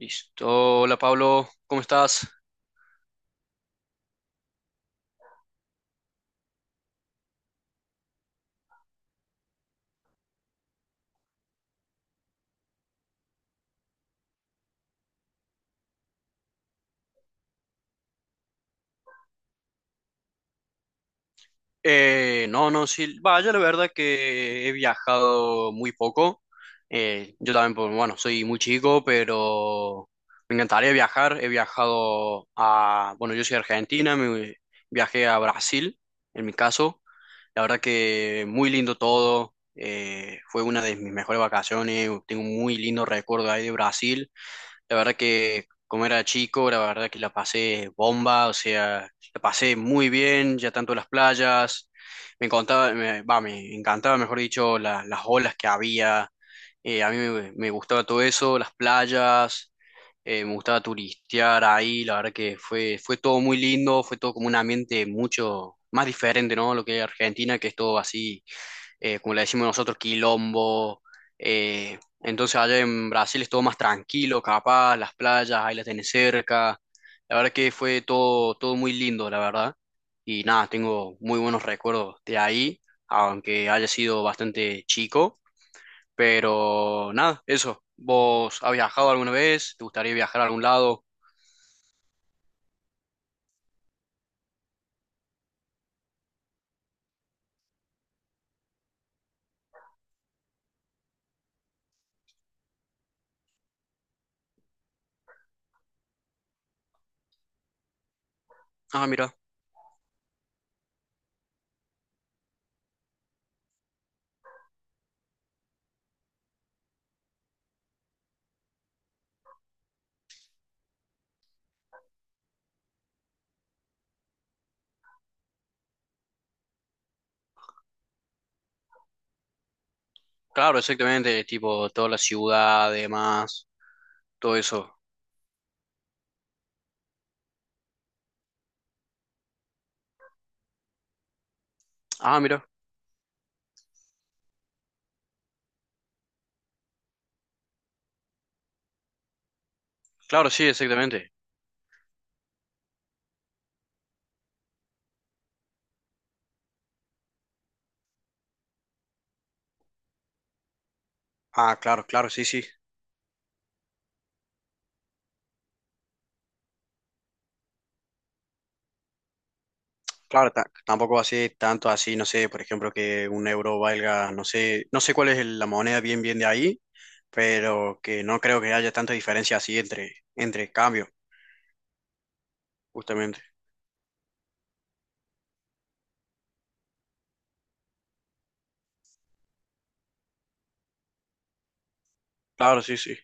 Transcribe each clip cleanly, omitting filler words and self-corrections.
Listo, hola Pablo, ¿cómo estás? No, no, sí, vaya, la verdad que he viajado muy poco. Yo también, pues, bueno, soy muy chico, pero me encantaría viajar. He viajado a, bueno, yo soy de Argentina, viajé a Brasil, en mi caso. La verdad que muy lindo todo. Fue una de mis mejores vacaciones, tengo un muy lindo recuerdo ahí de Brasil. La verdad que como era chico, la verdad que la pasé bomba, o sea, la pasé muy bien, ya tanto las playas, me encantaba, me encantaba, mejor dicho, las olas que había, a mí me gustaba todo eso, las playas, me gustaba turistear ahí, la verdad que fue todo muy lindo, fue todo como un ambiente mucho más diferente, ¿no? Lo que es Argentina, que es todo así, como le decimos nosotros, quilombo. Entonces allá en Brasil es todo más tranquilo, capaz, las playas, ahí las tenés cerca. La verdad que fue todo, todo muy lindo, la verdad. Y nada, tengo muy buenos recuerdos de ahí, aunque haya sido bastante chico. Pero nada, eso. ¿Vos has viajado alguna vez? ¿Te gustaría viajar a algún lado? Ah, mira. Claro, exactamente. Tipo, toda la ciudad, demás, todo eso. Ah, mira. Claro, sí, exactamente. Ah, claro, claro, sí, sí. Claro, tampoco así, tanto así, no sé, por ejemplo, que un euro valga, no sé, cuál es la moneda bien bien de ahí, pero que no creo que haya tanta diferencia así entre cambios, justamente. Claro, sí, sí.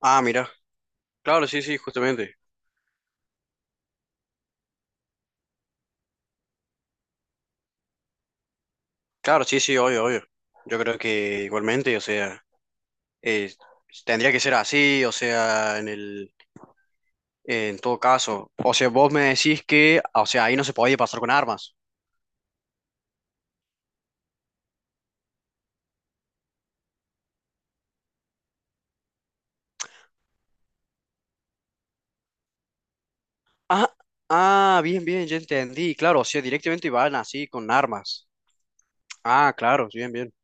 Ah, mira, claro, sí, sí, justamente. Claro, sí, sí, obvio, obvio. Yo creo que igualmente, o sea, eh, tendría que ser así, o sea, en todo caso. O sea, vos me decís que, o sea, ahí no se podía pasar con armas. Ah, ah, bien, bien, ya entendí. Claro, o sea, directamente iban así con armas. Ah, claro, sí, bien, bien.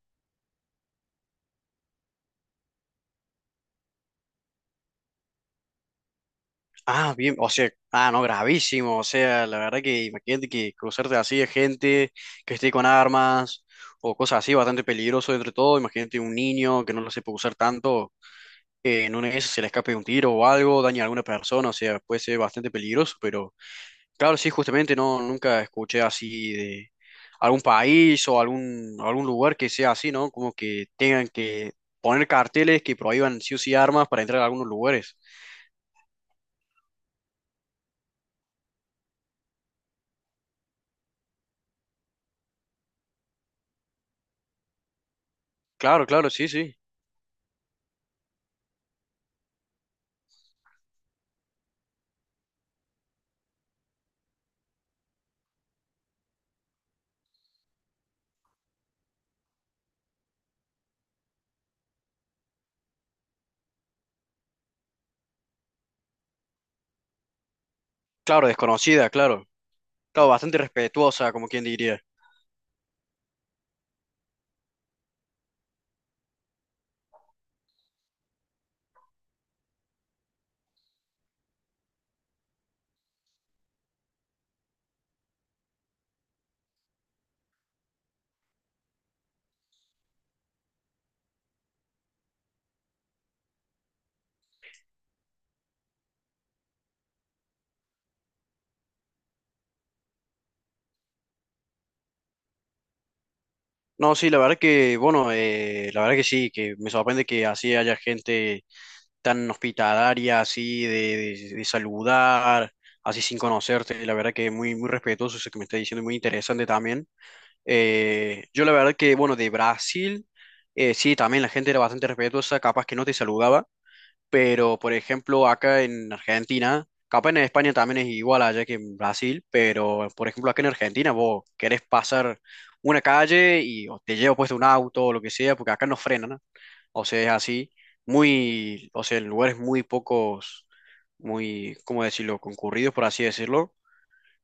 Ah, bien, o sea, ah, no, gravísimo. O sea, la verdad que imagínate que cruzarte así de gente que esté con armas o cosas así, bastante peligroso entre todo. Imagínate un niño que no lo sepa usar tanto, en una de esas se le escape un tiro o algo, daña a alguna persona, o sea, puede ser bastante peligroso, pero. Claro, sí, justamente no, nunca escuché así de algún país o algún lugar que sea así, ¿no? Como que tengan que poner carteles que prohíban sí o sí armas para entrar a algunos lugares. Claro, claro, sí, sí. Claro, desconocida, claro. Claro, bastante respetuosa, como quien diría. No, sí, la verdad que, bueno, la verdad que sí, que me sorprende que así haya gente tan hospitalaria, así de, de saludar, así sin conocerte. La verdad que muy, muy respetuoso eso que me está diciendo, muy interesante también. Yo la verdad que, bueno, de Brasil, sí, también la gente era bastante respetuosa, capaz que no te saludaba, pero por ejemplo acá en Argentina, capaz en España también es igual allá que en Brasil, pero por ejemplo acá en Argentina vos querés pasar una calle y o te lleva puesto un auto o lo que sea, porque acá no frenan, ¿no? O sea, es así, muy, o sea, en lugares muy pocos, muy, ¿cómo decirlo?, concurridos, por así decirlo,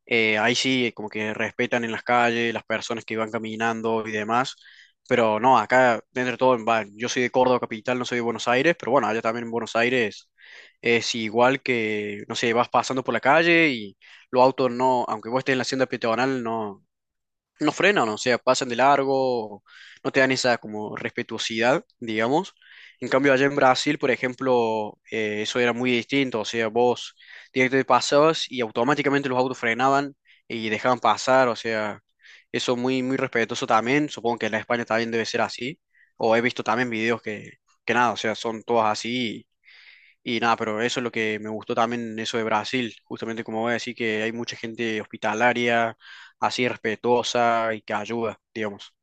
ahí sí, como que respetan en las calles, las personas que van caminando y demás. Pero no, acá, dentro de todo, va, yo soy de Córdoba capital, no soy de Buenos Aires, pero bueno, allá también en Buenos Aires es igual que, no sé, vas pasando por la calle y los autos no, aunque vos estés en la hacienda peatonal, no, no frenan, o sea, pasan de largo, no te dan esa como respetuosidad, digamos. En cambio, allá en Brasil, por ejemplo, eso era muy distinto, o sea, vos directamente pasabas y automáticamente los autos frenaban y dejaban pasar, o sea, eso muy, muy respetuoso también, supongo que en la España también debe ser así, o he visto también videos que nada, o sea, son todas así y nada, pero eso es lo que me gustó también, eso de Brasil, justamente como voy a decir que hay mucha gente hospitalaria, así respetuosa y que ayuda, digamos.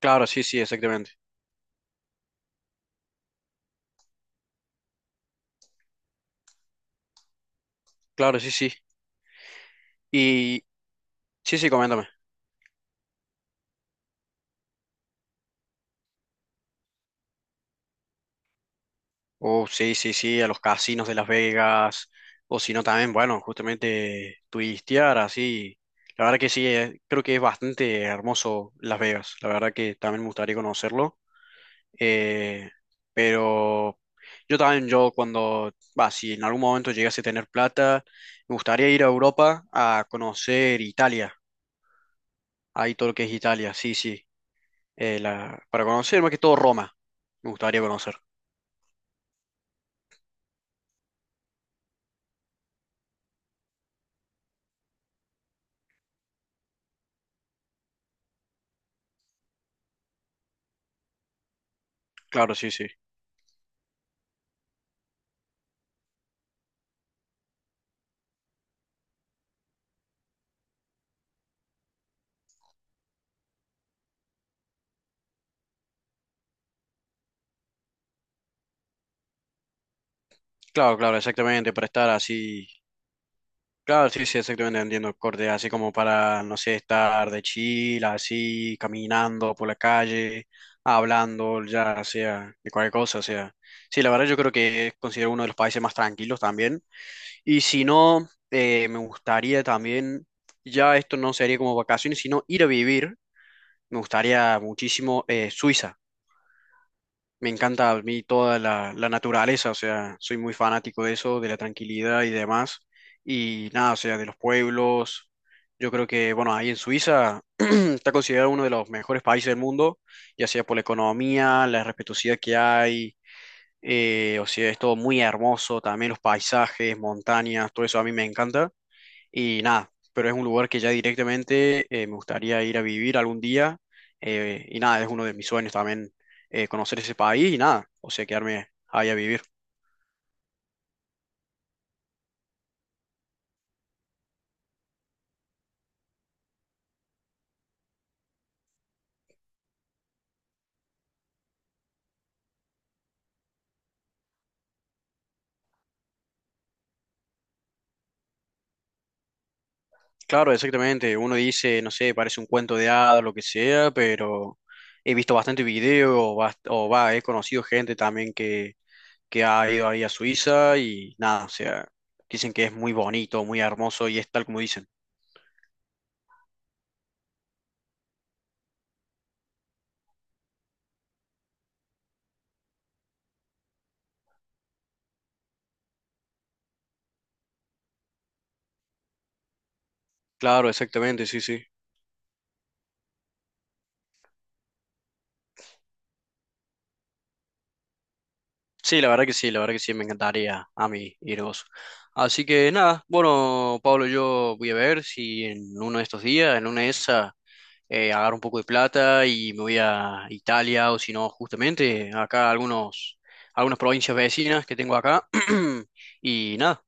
Claro, sí, sí, exactamente. Claro, sí, sí. Y sí, sí, coméntame. Oh, sí, sí, sí, a los casinos de Las Vegas, o si no también, bueno, justamente turistear, así. La verdad que sí, creo que es bastante hermoso Las Vegas, la verdad que también me gustaría conocerlo. Eh, pero yo también, yo cuando, va, si en algún momento llegase a tener plata, me gustaría ir a Europa a conocer Italia, ahí todo lo que es Italia, sí, sí, para conocer más que todo Roma, me gustaría conocer, claro, sí, sí. Claro, claro, exactamente, para estar así. Claro, sí, sí, exactamente, entiendo, corte, así como para, no sé, estar de chill, así, caminando por la calle, hablando, ya sea, de cualquier cosa, o sea. Sí, la verdad yo creo que es considerado uno de los países más tranquilos también. Y si no, me gustaría también, ya esto no sería como vacaciones, sino ir a vivir, me gustaría muchísimo, Suiza. Me encanta a mí toda la naturaleza, o sea, soy muy fanático de eso, de la tranquilidad y demás. Y nada, o sea, de los pueblos. Yo creo que, bueno, ahí en Suiza está considerado uno de los mejores países del mundo, ya sea por la economía, la respetuosidad que hay, o sea, es todo muy hermoso, también los paisajes, montañas, todo eso a mí me encanta. Y nada, pero es un lugar que ya directamente, me gustaría ir a vivir algún día. Y nada, es uno de mis sueños también, conocer ese país y nada, o sea, quedarme ahí a vivir. Claro, exactamente, uno dice, no sé, parece un cuento de hadas, lo que sea, pero he visto bastante video, o va, he conocido gente también que, ha ido ahí a Suiza y nada, o sea, dicen que es muy bonito, muy hermoso y es tal como dicen. Claro, exactamente, sí, sí. Sí, la verdad que sí, la verdad que sí, me encantaría a mí ir vos. Así que nada, bueno, Pablo, yo voy a ver si en uno de estos días, en una de esas, agarro un poco de plata y me voy a Italia o si no, justamente acá a algunas provincias vecinas que tengo acá. Y nada,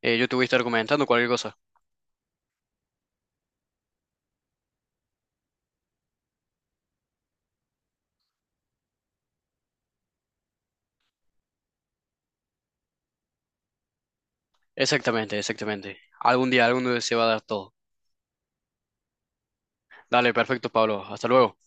yo te voy a estar comentando cualquier cosa. Exactamente, exactamente. Algún día se va a dar todo. Dale, perfecto, Pablo. Hasta luego.